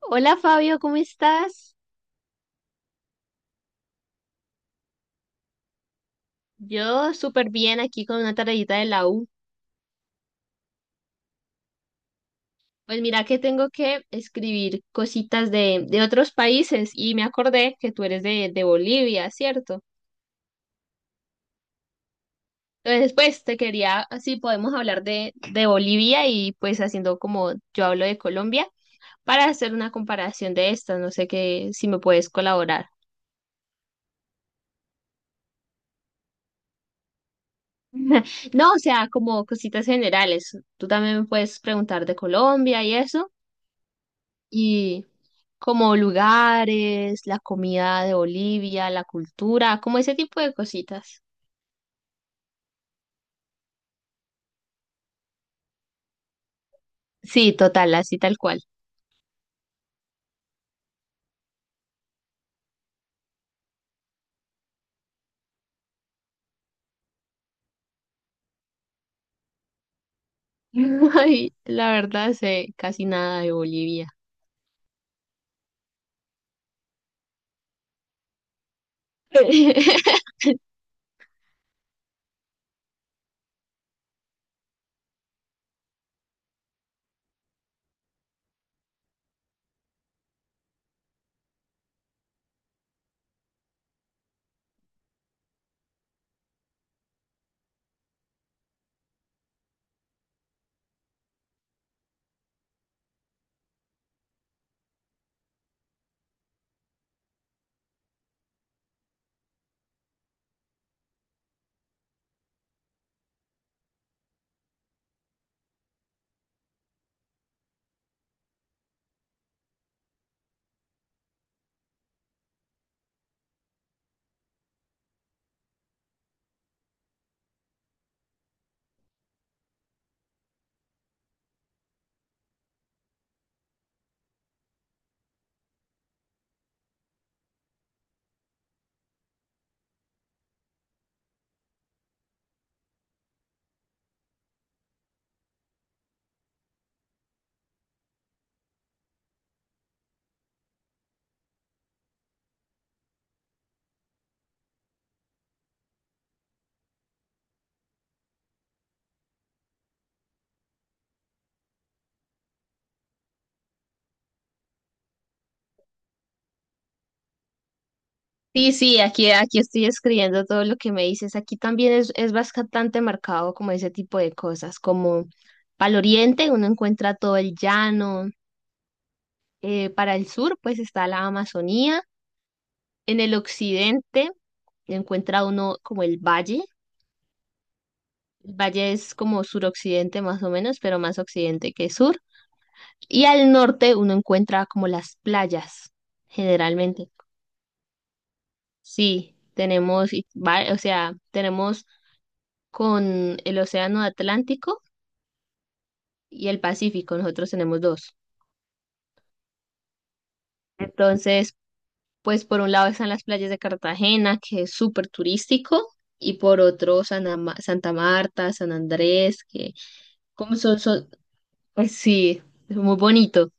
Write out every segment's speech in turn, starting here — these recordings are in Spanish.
Hola Fabio, ¿cómo estás? Yo súper bien aquí con una tareita de la U. Pues mira que tengo que escribir cositas de otros países y me acordé que tú eres de Bolivia, ¿cierto? Entonces, pues te quería, así podemos hablar de Bolivia y pues haciendo como yo hablo de Colombia para hacer una comparación de estas. No sé qué, si me puedes colaborar. No, o sea, como cositas generales. Tú también me puedes preguntar de Colombia y eso. Y como lugares, la comida de Bolivia, la cultura, como ese tipo de cositas. Sí, total, así tal cual. Ay, la verdad sé casi nada de Bolivia. Sí, sí, aquí estoy escribiendo todo lo que me dices. Aquí también es bastante marcado como ese tipo de cosas, como para el oriente uno encuentra todo el llano, para el sur pues está la Amazonía, en el occidente encuentra uno como el valle. El valle es como suroccidente más o menos, pero más occidente que sur. Y al norte uno encuentra como las playas, generalmente. Sí, tenemos, y o sea, tenemos con el Océano Atlántico y el Pacífico, nosotros tenemos dos. Entonces, pues por un lado están las playas de Cartagena, que es súper turístico, y por otro Santa Marta, San Andrés, que como son, pues sí, es muy bonito.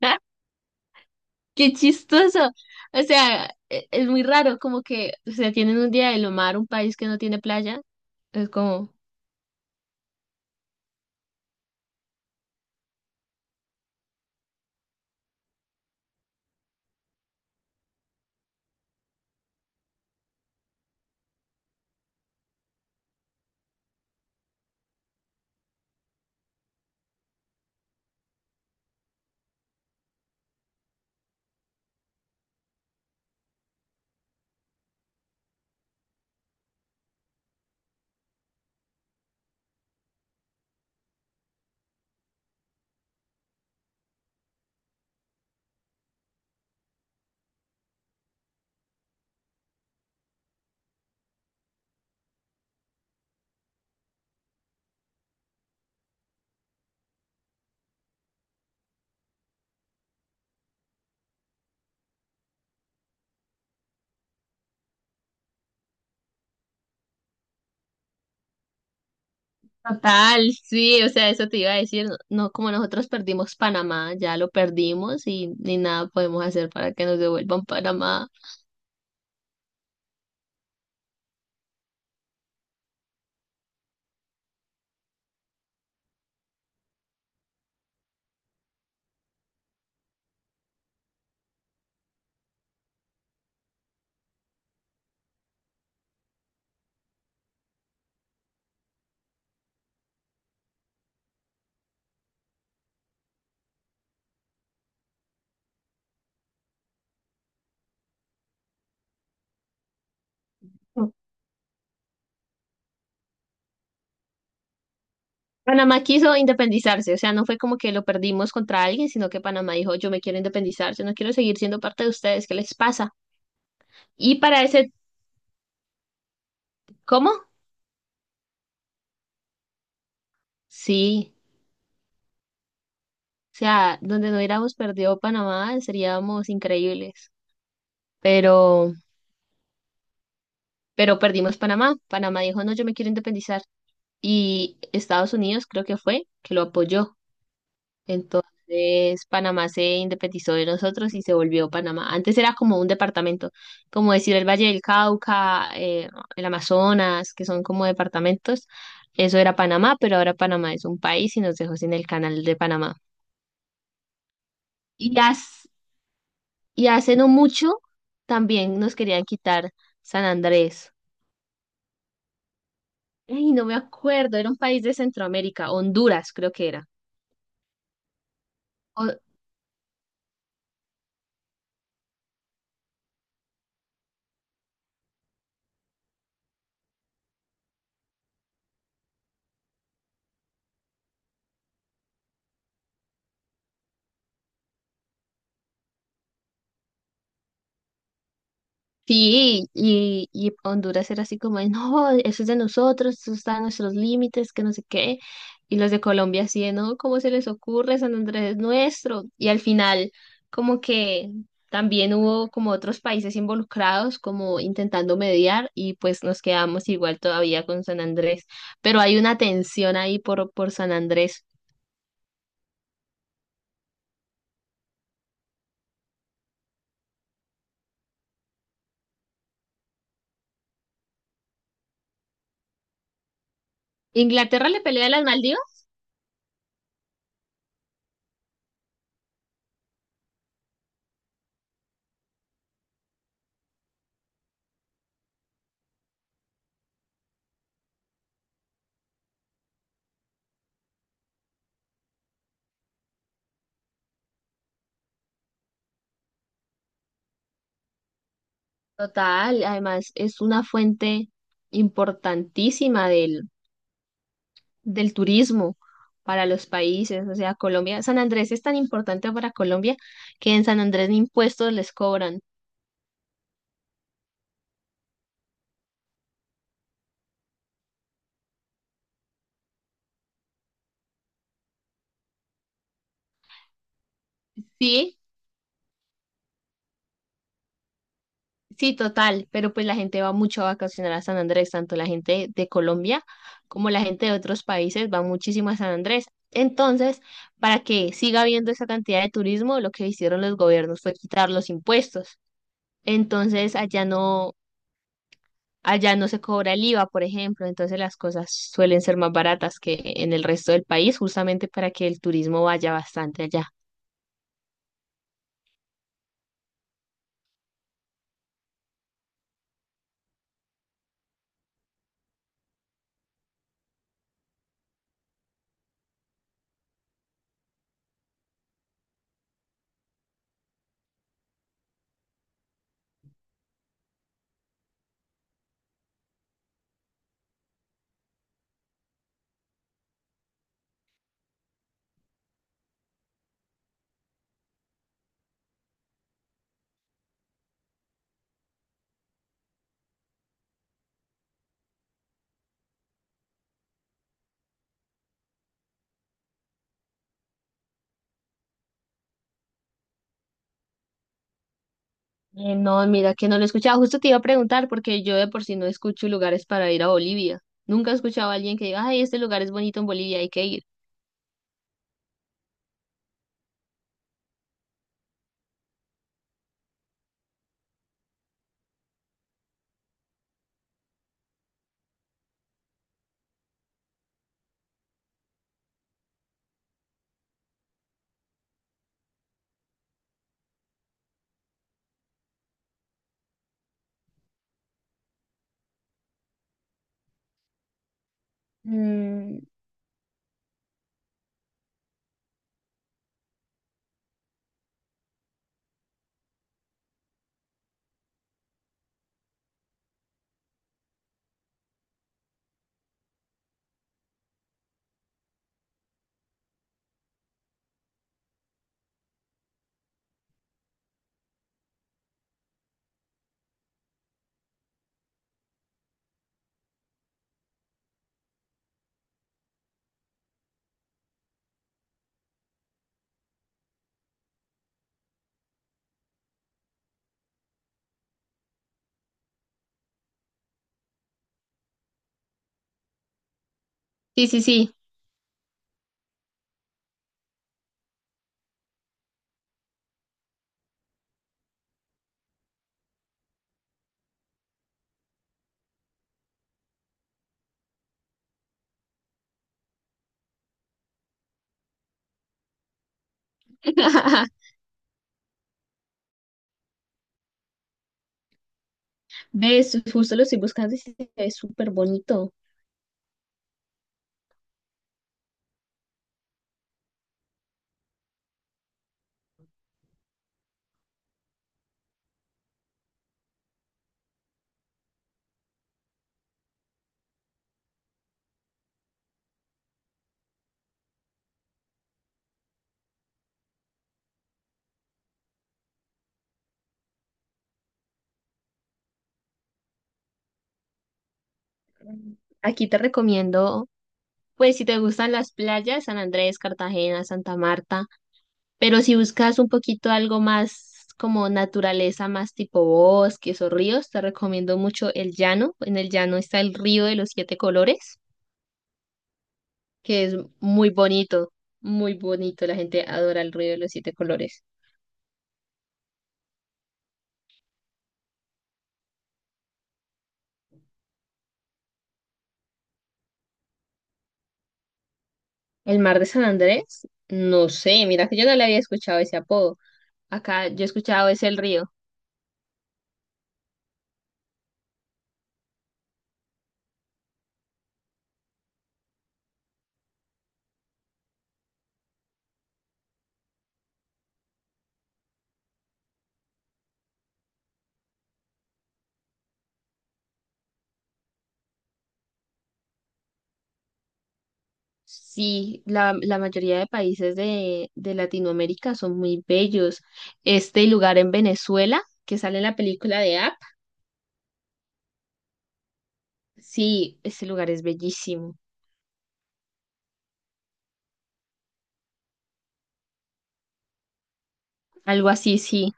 Qué chistoso. O sea, es muy raro, como que, o sea, tienen un día de lo mar, un país que no tiene playa. Es como, total, sí, o sea, eso te iba a decir. No, como nosotros perdimos Panamá, ya lo perdimos y ni nada podemos hacer para que nos devuelvan Panamá. Panamá quiso independizarse, o sea, no fue como que lo perdimos contra alguien, sino que Panamá dijo, yo me quiero independizar, yo no quiero seguir siendo parte de ustedes, ¿qué les pasa? Y para ese, ¿cómo? Sí. O sea, donde no hubiéramos perdido Panamá, seríamos increíbles. Pero, pero perdimos Panamá. Panamá dijo, no, yo me quiero independizar. Y Estados Unidos creo que fue que lo apoyó. Entonces, Panamá se independizó de nosotros y se volvió Panamá. Antes era como un departamento, como decir el Valle del Cauca, el Amazonas, que son como departamentos. Eso era Panamá, pero ahora Panamá es un país y nos dejó sin el canal de Panamá. Y ya. Y hace no mucho también nos querían quitar San Andrés. Ay, no me acuerdo, era un país de Centroamérica, Honduras creo que era. Sí, y Honduras era así como, de, no, eso es de nosotros, eso está en nuestros límites, que no sé qué. Y los de Colombia así, de, no, ¿cómo se les ocurre? San Andrés es nuestro. Y al final, como que también hubo como otros países involucrados, como intentando mediar, y pues nos quedamos igual todavía con San Andrés. Pero hay una tensión ahí por San Andrés. ¿Inglaterra le pelea a las Maldivas? Total, además es una fuente importantísima del turismo para los países. O sea, Colombia, San Andrés es tan importante para Colombia que en San Andrés ni impuestos les cobran. Sí, sí, total, pero pues la gente va mucho a vacacionar a San Andrés, tanto la gente de Colombia como la gente de otros países va muchísimo a San Andrés. Entonces, para que siga habiendo esa cantidad de turismo, lo que hicieron los gobiernos fue quitar los impuestos. Entonces, allá no, allá no se cobra el IVA, por ejemplo, entonces las cosas suelen ser más baratas que en el resto del país, justamente para que el turismo vaya bastante allá. No, mira que no lo he escuchado. Justo te iba a preguntar porque yo de por sí no escucho lugares para ir a Bolivia. Nunca he escuchado a alguien que diga, ay, este lugar es bonito en Bolivia, hay que ir. Mm, sí, sí, sí. ¿Ves? Justo lo estoy buscando y se ve súper bonito. Aquí te recomiendo, pues si te gustan las playas, San Andrés, Cartagena, Santa Marta. Pero si buscas un poquito algo más como naturaleza, más tipo bosques o ríos, te recomiendo mucho el llano. En el llano está el río de los siete colores, que es muy bonito, muy bonito. La gente adora el río de los siete colores. El mar de San Andrés, no sé, mira que yo no le había escuchado ese apodo. Acá yo he escuchado es el río. Sí, la mayoría de países de Latinoamérica son muy bellos. Este lugar en Venezuela, que sale en la película de Up, sí, ese lugar es bellísimo. Algo así, sí.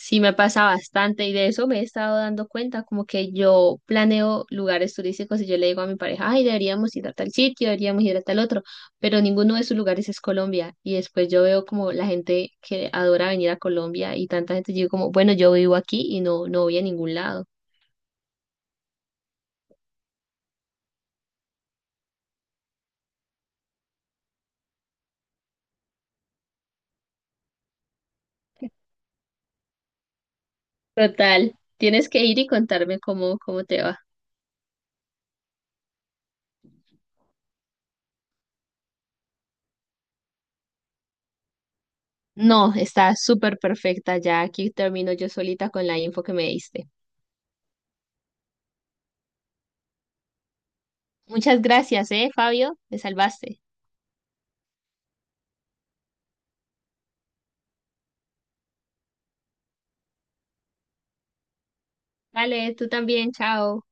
Sí, me pasa bastante y de eso me he estado dando cuenta, como que yo planeo lugares turísticos y yo le digo a mi pareja, ay, deberíamos ir a tal sitio, deberíamos ir a tal otro, pero ninguno de esos lugares es Colombia. Y después yo veo como la gente que adora venir a Colombia y tanta gente, yo digo como, bueno, yo vivo aquí y no, no voy a ningún lado. Total, tienes que ir y contarme cómo, cómo te va. No, está súper perfecta, ya aquí termino yo solita con la info que me diste. Muchas gracias, Fabio, te salvaste. Vale, tú también, chao.